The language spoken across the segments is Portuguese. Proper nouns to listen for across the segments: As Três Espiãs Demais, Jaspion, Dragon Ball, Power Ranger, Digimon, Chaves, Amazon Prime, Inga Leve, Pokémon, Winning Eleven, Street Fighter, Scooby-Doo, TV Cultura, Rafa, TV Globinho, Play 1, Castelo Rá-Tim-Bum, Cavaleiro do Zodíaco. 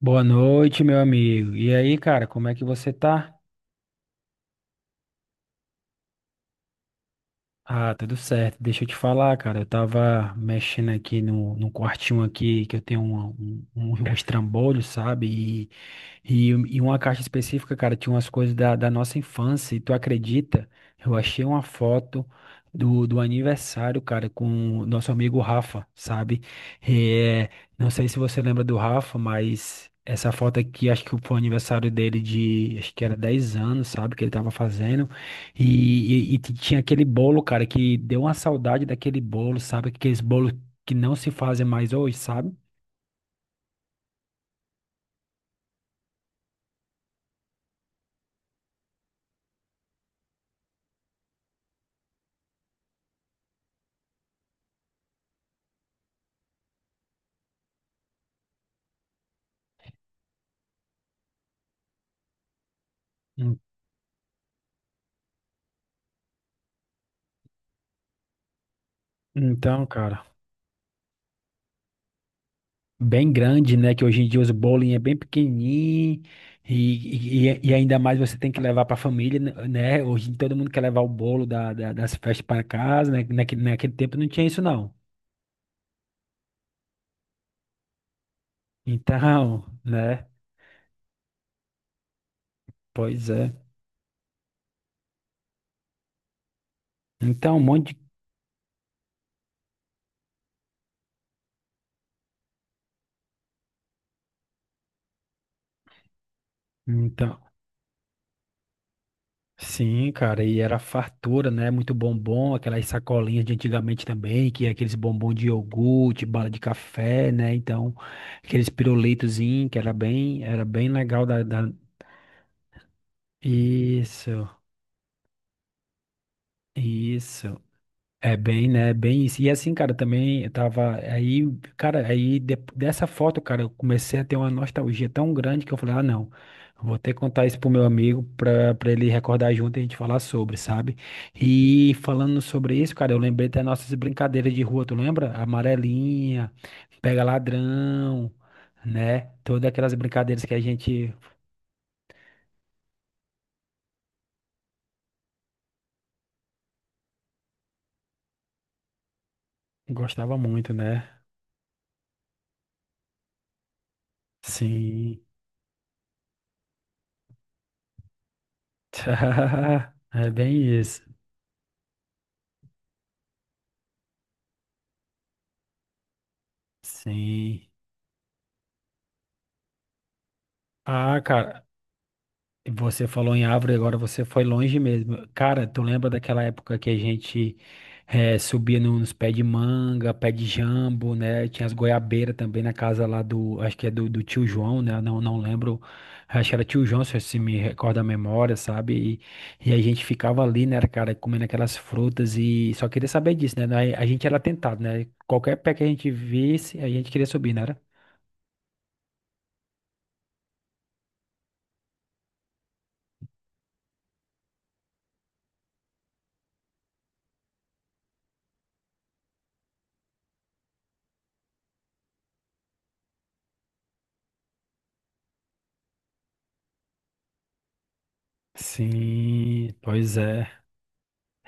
Boa noite, meu amigo. E aí, cara, como é que você tá? Ah, tá tudo certo. Deixa eu te falar, cara. Eu tava mexendo aqui no quartinho aqui que eu tenho um estrambolho, sabe? E uma caixa específica, cara, tinha umas coisas da nossa infância. E tu acredita? Eu achei uma foto do aniversário, cara, com o nosso amigo Rafa, sabe? É, não sei se você lembra do Rafa, mas. Essa foto aqui, acho que foi o aniversário dele de, acho que era 10 anos, sabe, que ele tava fazendo. Tinha aquele bolo, cara, que deu uma saudade daquele bolo, sabe? Aqueles bolos que não se fazem mais hoje, sabe? En- Então, cara, bem grande, né? Que hoje em dia os bolos é bem pequenininho e ainda mais você tem que levar para a família, né? Hoje todo mundo quer levar o bolo das festas pra casa, né? Naquele tempo não tinha isso, não. Então, né? Pois é. Então, um monte de... Então, sim, cara, e era fartura, né? Muito bombom, aquelas sacolinhas de antigamente também, que é aqueles bombom de iogurte, bala de café, né? Então, aqueles pirulitozinhos que era bem legal da. Isso, isso. É bem, né? Bem isso. E assim, cara, também eu tava. Aí, cara, dessa foto, cara, eu comecei a ter uma nostalgia tão grande que eu falei, ah, não, eu vou ter que contar isso pro meu amigo pra ele recordar junto e a gente falar sobre, sabe? E falando sobre isso, cara, eu lembrei das nossas brincadeiras de rua, tu lembra? Amarelinha, pega ladrão, né? Todas aquelas brincadeiras que a gente gostava muito, né? Sim. É bem isso. Sim. Ah, cara, você falou em árvore, agora você foi longe mesmo. Cara, tu lembra daquela época que a gente subia nos pés de manga, pé de jambo, né? Tinha as goiabeiras também na casa lá do, acho que é do tio João, né? Não, não lembro, acho que era tio João, se me recorda a memória, sabe? E a gente ficava ali, né, cara, comendo aquelas frutas e só queria saber disso, né? A gente era tentado, né? Qualquer pé que a gente visse, a gente queria subir, né? era? Sim, pois é.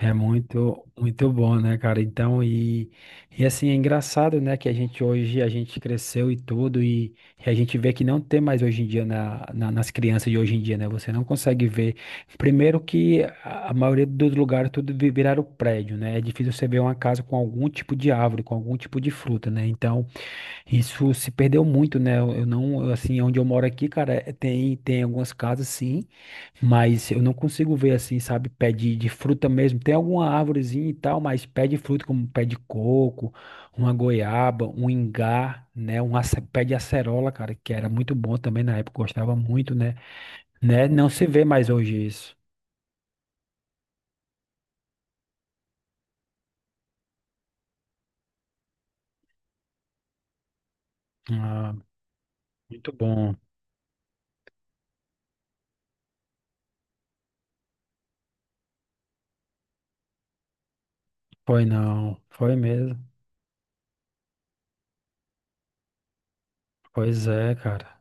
É muito bom, né, cara? Então, e assim, é engraçado, né, que a gente hoje, a gente cresceu e tudo, e a gente vê que não tem mais hoje em dia nas crianças de hoje em dia, né? Você não consegue ver. Primeiro que a maioria dos lugares tudo viraram prédio, né? É difícil você ver uma casa com algum tipo de árvore, com algum tipo de fruta, né? Então, isso se perdeu muito, né? Eu não, eu, assim, onde eu moro aqui, cara, tem algumas casas, sim, mas eu não consigo ver assim, sabe, pé de fruta mesmo. Tem alguma árvorezinha e tal, mas pé de fruta, como pé de coco, uma goiaba, um ingá, né? Um pé de acerola, cara, que era muito bom também na época, gostava muito, né? Né? Não se vê mais hoje isso. Ah, muito bom. Foi não, foi mesmo. Pois é, cara.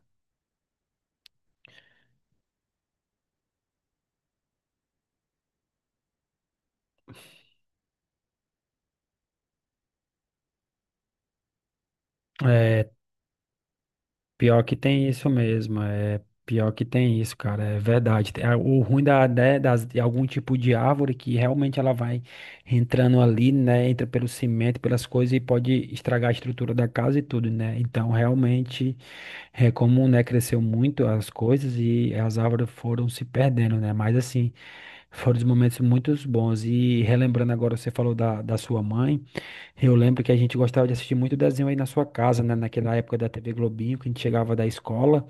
É, Pior que tem isso mesmo, é pior que tem isso, cara, é verdade. O ruim de algum tipo de árvore que realmente ela vai entrando ali, né, entra pelo cimento, pelas coisas e pode estragar a estrutura da casa e tudo, né? Então, realmente, é como, né, cresceu muito as coisas e as árvores foram se perdendo, né? Mas assim, foram os momentos muito bons. E relembrando agora, você falou da sua mãe. Eu lembro que a gente gostava de assistir muito desenho aí na sua casa, né? Naquela época da TV Globinho, que a gente chegava da escola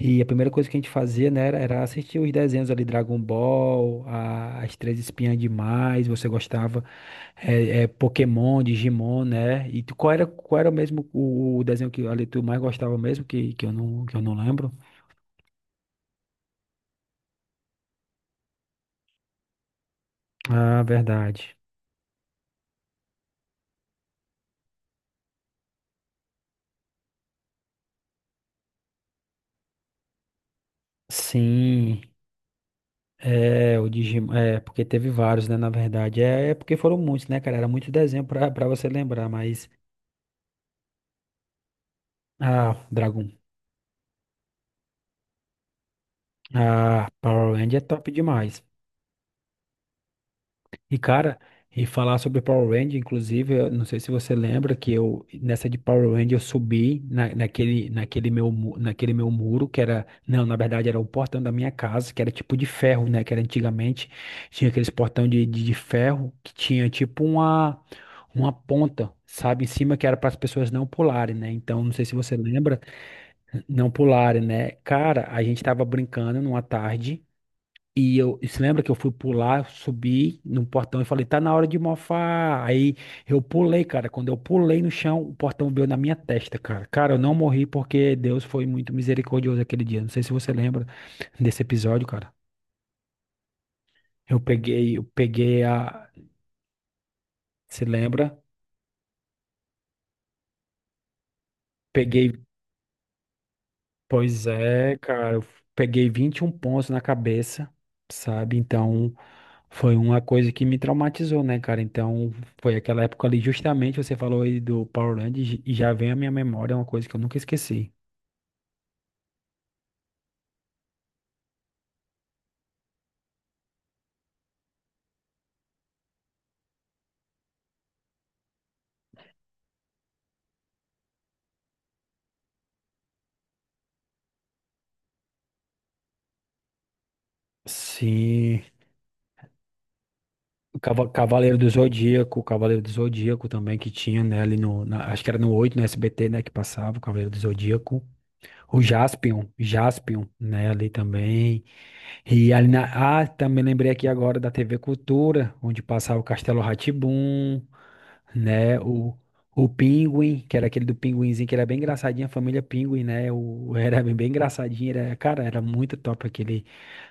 e a primeira coisa que a gente fazia, né, era assistir os desenhos ali, Dragon Ball, As Três Espiãs Demais, você gostava, Pokémon, Digimon, né? Qual qual era mesmo o desenho que ali tu mais gostava mesmo, que eu não lembro? Ah, verdade. Sim, é, o Digimon, é, porque teve vários, né, na verdade, é porque foram muitos, né, cara, era muito desenho pra você lembrar, mas ah, Dragon. Ah, Power Ranger é top demais. E, cara, e falar sobre Power Ranger, inclusive, eu não sei se você lembra que eu, nessa de Power Ranger, eu subi na, naquele, naquele meu, mu- naquele meu muro, que era, não, na verdade era o portão da minha casa, que era tipo de ferro, né, que era antigamente, tinha aqueles portão de ferro, que tinha tipo uma ponta, sabe, em cima, que era para as pessoas não pularem, né, então, não sei se você lembra, não pularem, né, cara, a gente tava brincando numa tarde. E você lembra que eu fui pular, subi no portão e falei, tá na hora de mofar. Aí eu pulei, cara. Quando eu pulei no chão, o portão veio na minha testa, cara. Cara, eu não morri porque Deus foi muito misericordioso aquele dia. Não sei se você lembra desse episódio, cara. Eu peguei a. Se lembra? Peguei. Pois é, cara, eu peguei 21 pontos na cabeça, sabe? Então, foi uma coisa que me traumatizou, né, cara? Então, foi aquela época ali, justamente você falou aí do Power Rangers e já vem à minha memória uma coisa que eu nunca esqueci. Sim, Cavaleiro do Zodíaco também que tinha, né, ali no, na- acho que era no 8 no SBT, né, que passava o Cavaleiro do Zodíaco. O Jaspion, Jaspion, né, ali também. E ali na... Ah, também lembrei aqui agora da TV Cultura, onde passava o Castelo rá né? O Pinguim, que era aquele do Pinguinzinho, que era bem engraçadinho, a família Pinguim, né? O, era bem engraçadinho, era... cara, era muito top aquele,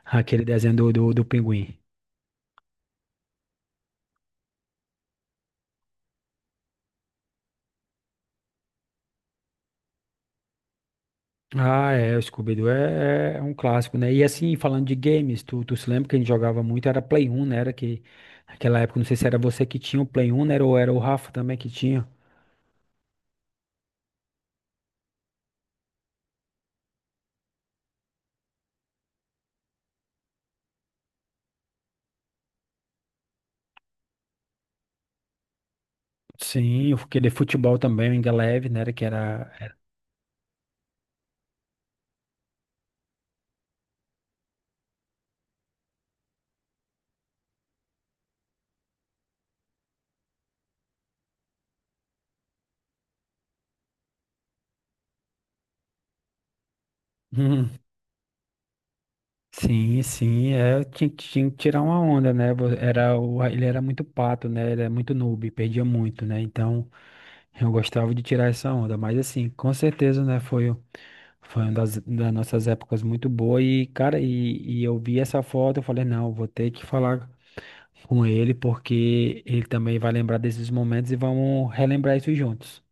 aquele desenho do Pinguim. Ah, é, o Scooby-Doo é, é um clássico, né? E assim, falando de games, tu se lembra que a gente jogava muito, era Play 1, né? Era que, aquela época, não sei se era você que tinha o Play 1, né? Ou era o Rafa também que tinha. Sim, aquele futebol também, o Inga Leve, né? Hum, sim, sim, é, tinha que tirar uma onda, né? Era, ele era muito pato, né? Ele era muito noob, perdia muito, né? Então eu gostava de tirar essa onda. Mas assim, com certeza, né? Foi uma das nossas épocas muito boa. E, cara, e eu vi essa foto, eu falei, não, vou ter que falar com ele, porque ele também vai lembrar desses momentos e vamos relembrar isso juntos.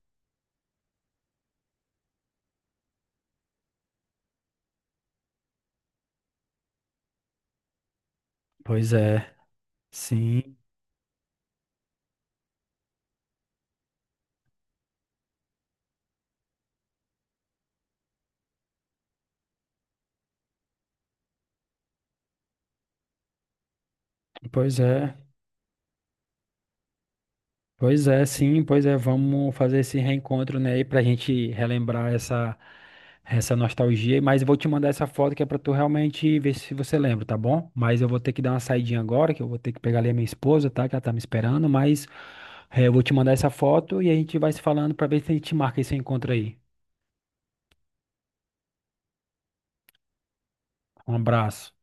Pois é, sim, pois é. Pois é, sim, pois é, vamos fazer esse reencontro, né, aí pra gente relembrar essa essa nostalgia, mas eu vou te mandar essa foto que é pra tu realmente ver se você lembra, tá bom? Mas eu vou ter que dar uma saidinha agora, que eu vou ter que pegar ali a minha esposa, tá, que ela tá me esperando, mas eu vou te mandar essa foto e a gente vai se falando pra ver se a gente marca esse encontro aí. Um abraço.